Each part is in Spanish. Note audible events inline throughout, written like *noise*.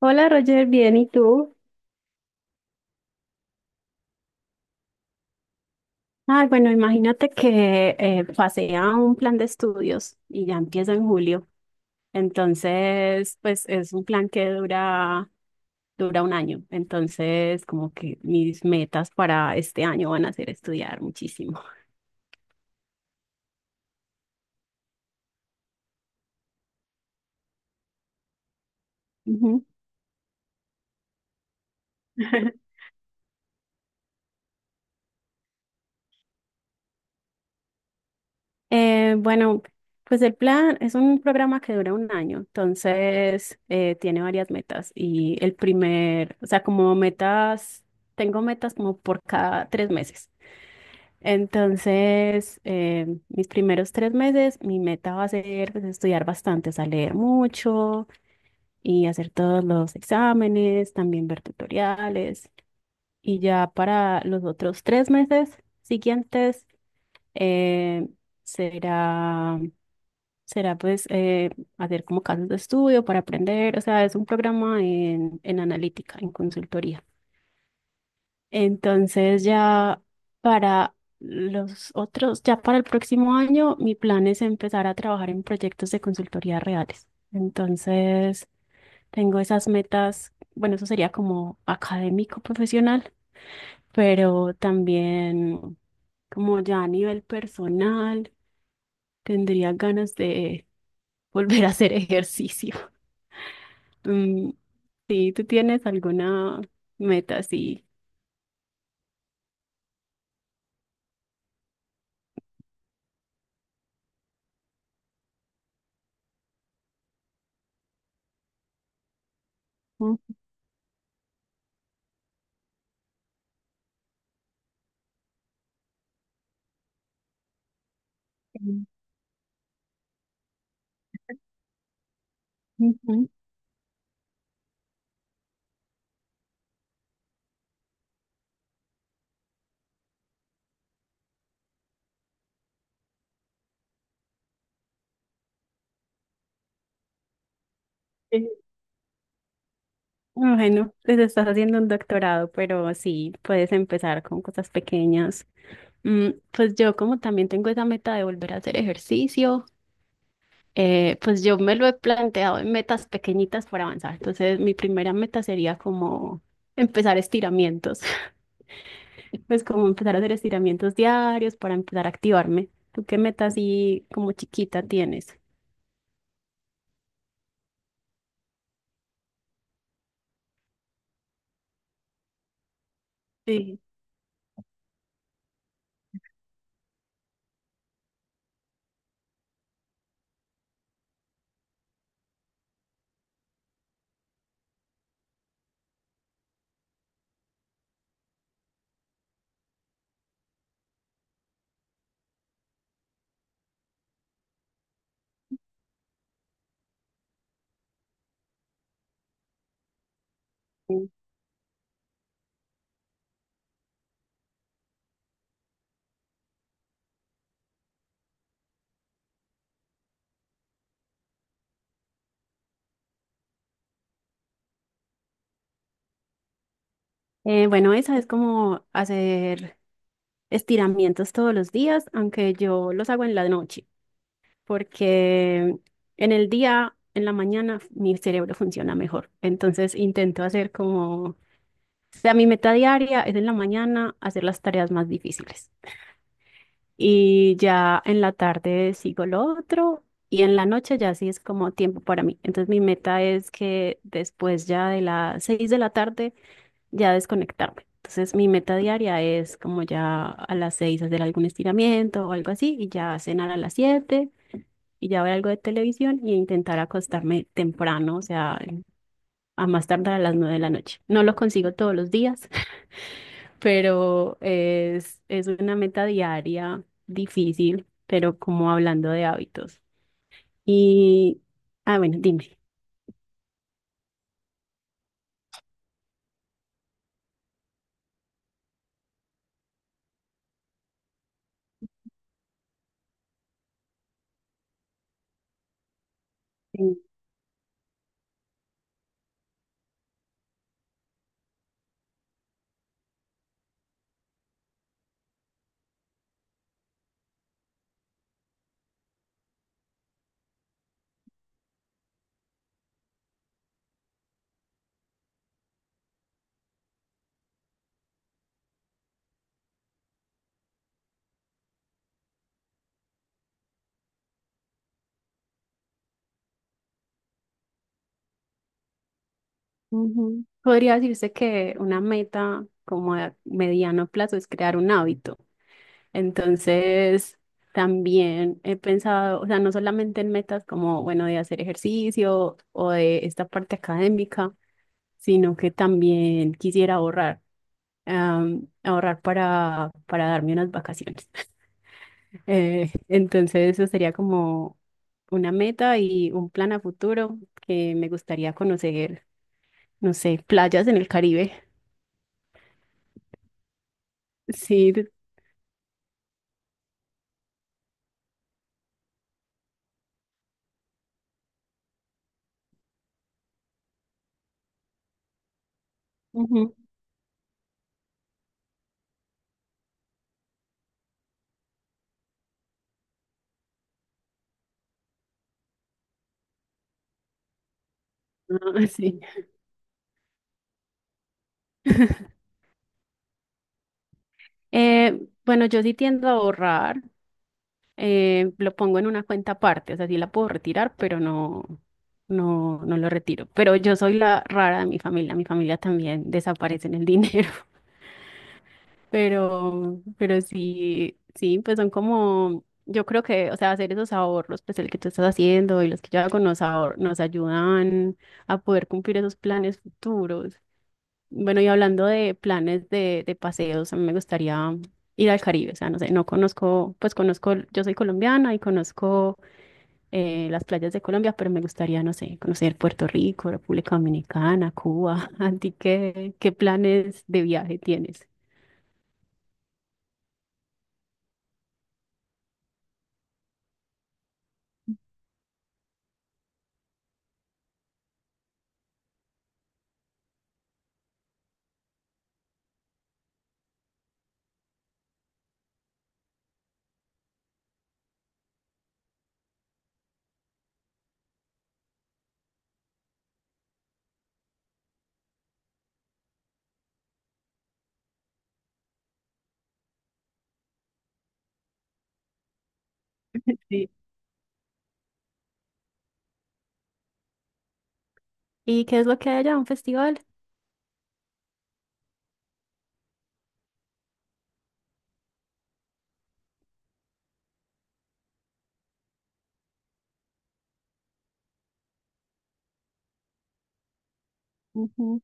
Hola Roger, bien, ¿y tú? Ah, bueno, imagínate que pasé a un plan de estudios y ya empieza en julio. Entonces, pues es un plan que dura un año. Entonces, como que mis metas para este año van a ser estudiar muchísimo. Ujú. *laughs* Bueno, pues el plan es un programa que dura un año, entonces tiene varias metas y el primer, o sea, como metas, tengo metas como por cada tres meses. Entonces, mis primeros tres meses, mi meta va a ser pues, estudiar bastante, o sea, leer mucho y hacer todos los exámenes, también ver tutoriales. Y ya para los otros tres meses siguientes, eh, será, será hacer como casos de estudio para aprender, o sea, es un programa en analítica, en consultoría. Entonces ya para ya para el próximo año, mi plan es empezar a trabajar en proyectos de consultoría reales. Entonces tengo esas metas, bueno, eso sería como académico profesional, pero también como ya a nivel personal, tendría ganas de *laughs* volver a hacer ejercicio. *laughs* Mm, sí, ¿tú tienes alguna meta así? Ok. Ujú. Sí. Bueno, pues estás haciendo un doctorado, pero sí, puedes empezar con cosas pequeñas. Mm, pues yo como también tengo esa meta de volver a hacer ejercicio, pues yo me lo he planteado en metas pequeñitas para avanzar. Entonces, mi primera meta sería como empezar estiramientos, *laughs* pues como empezar a hacer estiramientos diarios para empezar a activarme. ¿Tú qué meta así como chiquita tienes? Sí. Bueno, esa es como hacer estiramientos todos los días, aunque yo los hago en la noche, porque en la mañana, mi cerebro funciona mejor. Entonces intento hacer como, o sea, mi meta diaria es en la mañana hacer las tareas más difíciles. Y ya en la tarde sigo lo otro y en la noche ya sí es como tiempo para mí. Entonces mi meta es que después ya de las seis de la tarde ya desconectarme. Entonces, mi meta diaria es como ya a las seis hacer algún estiramiento o algo así y ya cenar a las siete y ya ver algo de televisión y intentar acostarme temprano, o sea, a más tardar a las nueve de la noche. No lo consigo todos los días, *laughs* pero es una meta diaria difícil, pero como hablando de hábitos. Y, ah, bueno, dime. Sí. Ujú. Podría decirse que una meta como a mediano plazo es crear un hábito. Entonces, también he pensado, o sea, no solamente en metas como, bueno, de hacer ejercicio o de esta parte académica, sino que también quisiera ahorrar, ahorrar para darme unas vacaciones. *laughs* Entonces, eso sería como una meta y un plan a futuro que me gustaría conocer, no sé, playas en el Caribe. *laughs* Sí, ujú. Ah, sí. *laughs* Bueno, yo sí tiendo a ahorrar, lo pongo en una cuenta aparte, o sea, sí la puedo retirar, pero no lo retiro. Pero yo soy la rara de mi familia también desaparece en el dinero, *laughs* pero sí, sí, pues son como, yo creo que, o sea, hacer esos ahorros, pues el que tú estás haciendo y los que yo hago nos ayudan a poder cumplir esos planes futuros. Bueno, y hablando de planes de paseos, a mí me gustaría ir al Caribe, o sea, no sé, no conozco, pues conozco, yo soy colombiana y conozco las playas de Colombia, pero me gustaría, no sé, conocer Puerto Rico, República Dominicana, Cuba. *laughs* ¿A ti qué planes de viaje tienes? Sí. ¿Y qué es lo que hay allá? ¿Un festival? Ujú.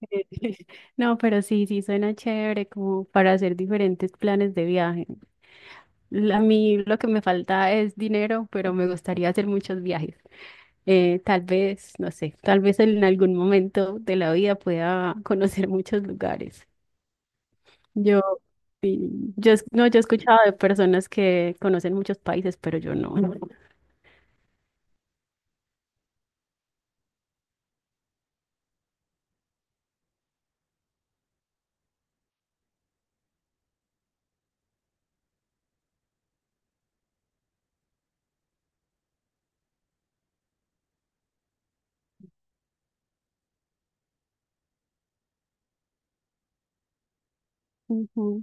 *laughs* No, pero sí, sí, suena chévere como para hacer diferentes planes de viaje. A mí lo que me falta es dinero, pero me gustaría hacer muchos viajes. Tal vez, no sé, tal vez en algún momento de la vida pueda *laughs* conocer muchos lugares. Yo, sí, yo, es- No, yo he escuchado de personas que conocen muchos países, pero yo no. Ujú,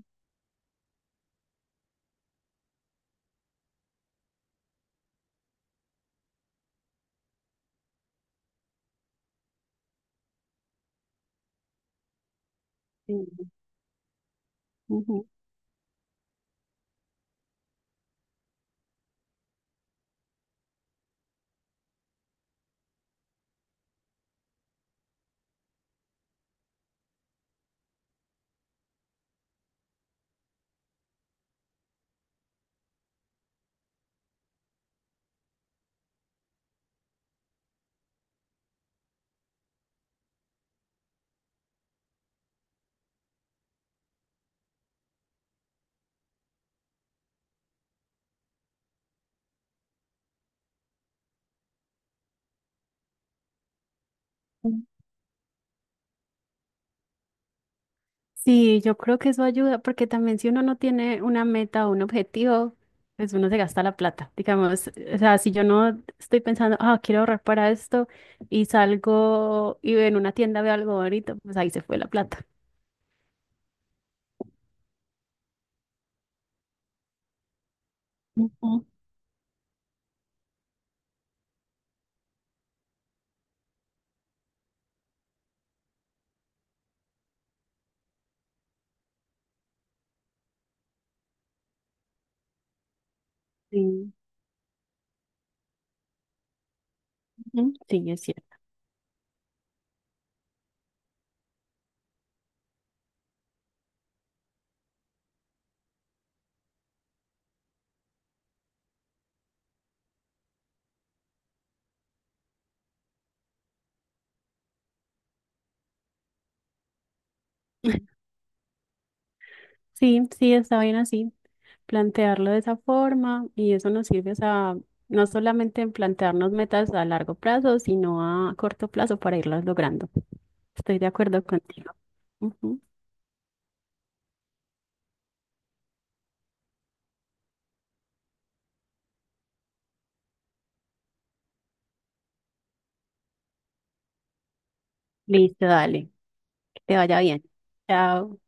sí, ujú. Sí, yo creo que eso ayuda, porque también si uno no tiene una meta o un objetivo, pues uno se gasta la plata. Digamos, o sea, si yo no estoy pensando, ah, quiero ahorrar para esto, y salgo y en una tienda veo algo bonito, pues ahí se fue la plata. Ujú, sí, ujú, sí, es cierto. Sí, sí, está bien así plantearlo de esa forma y eso nos sirve, o sea, no solamente en plantearnos metas a largo plazo, sino a corto plazo para irlas logrando. Estoy de acuerdo contigo. Ujú. Listo, dale, que te vaya bien. Chao.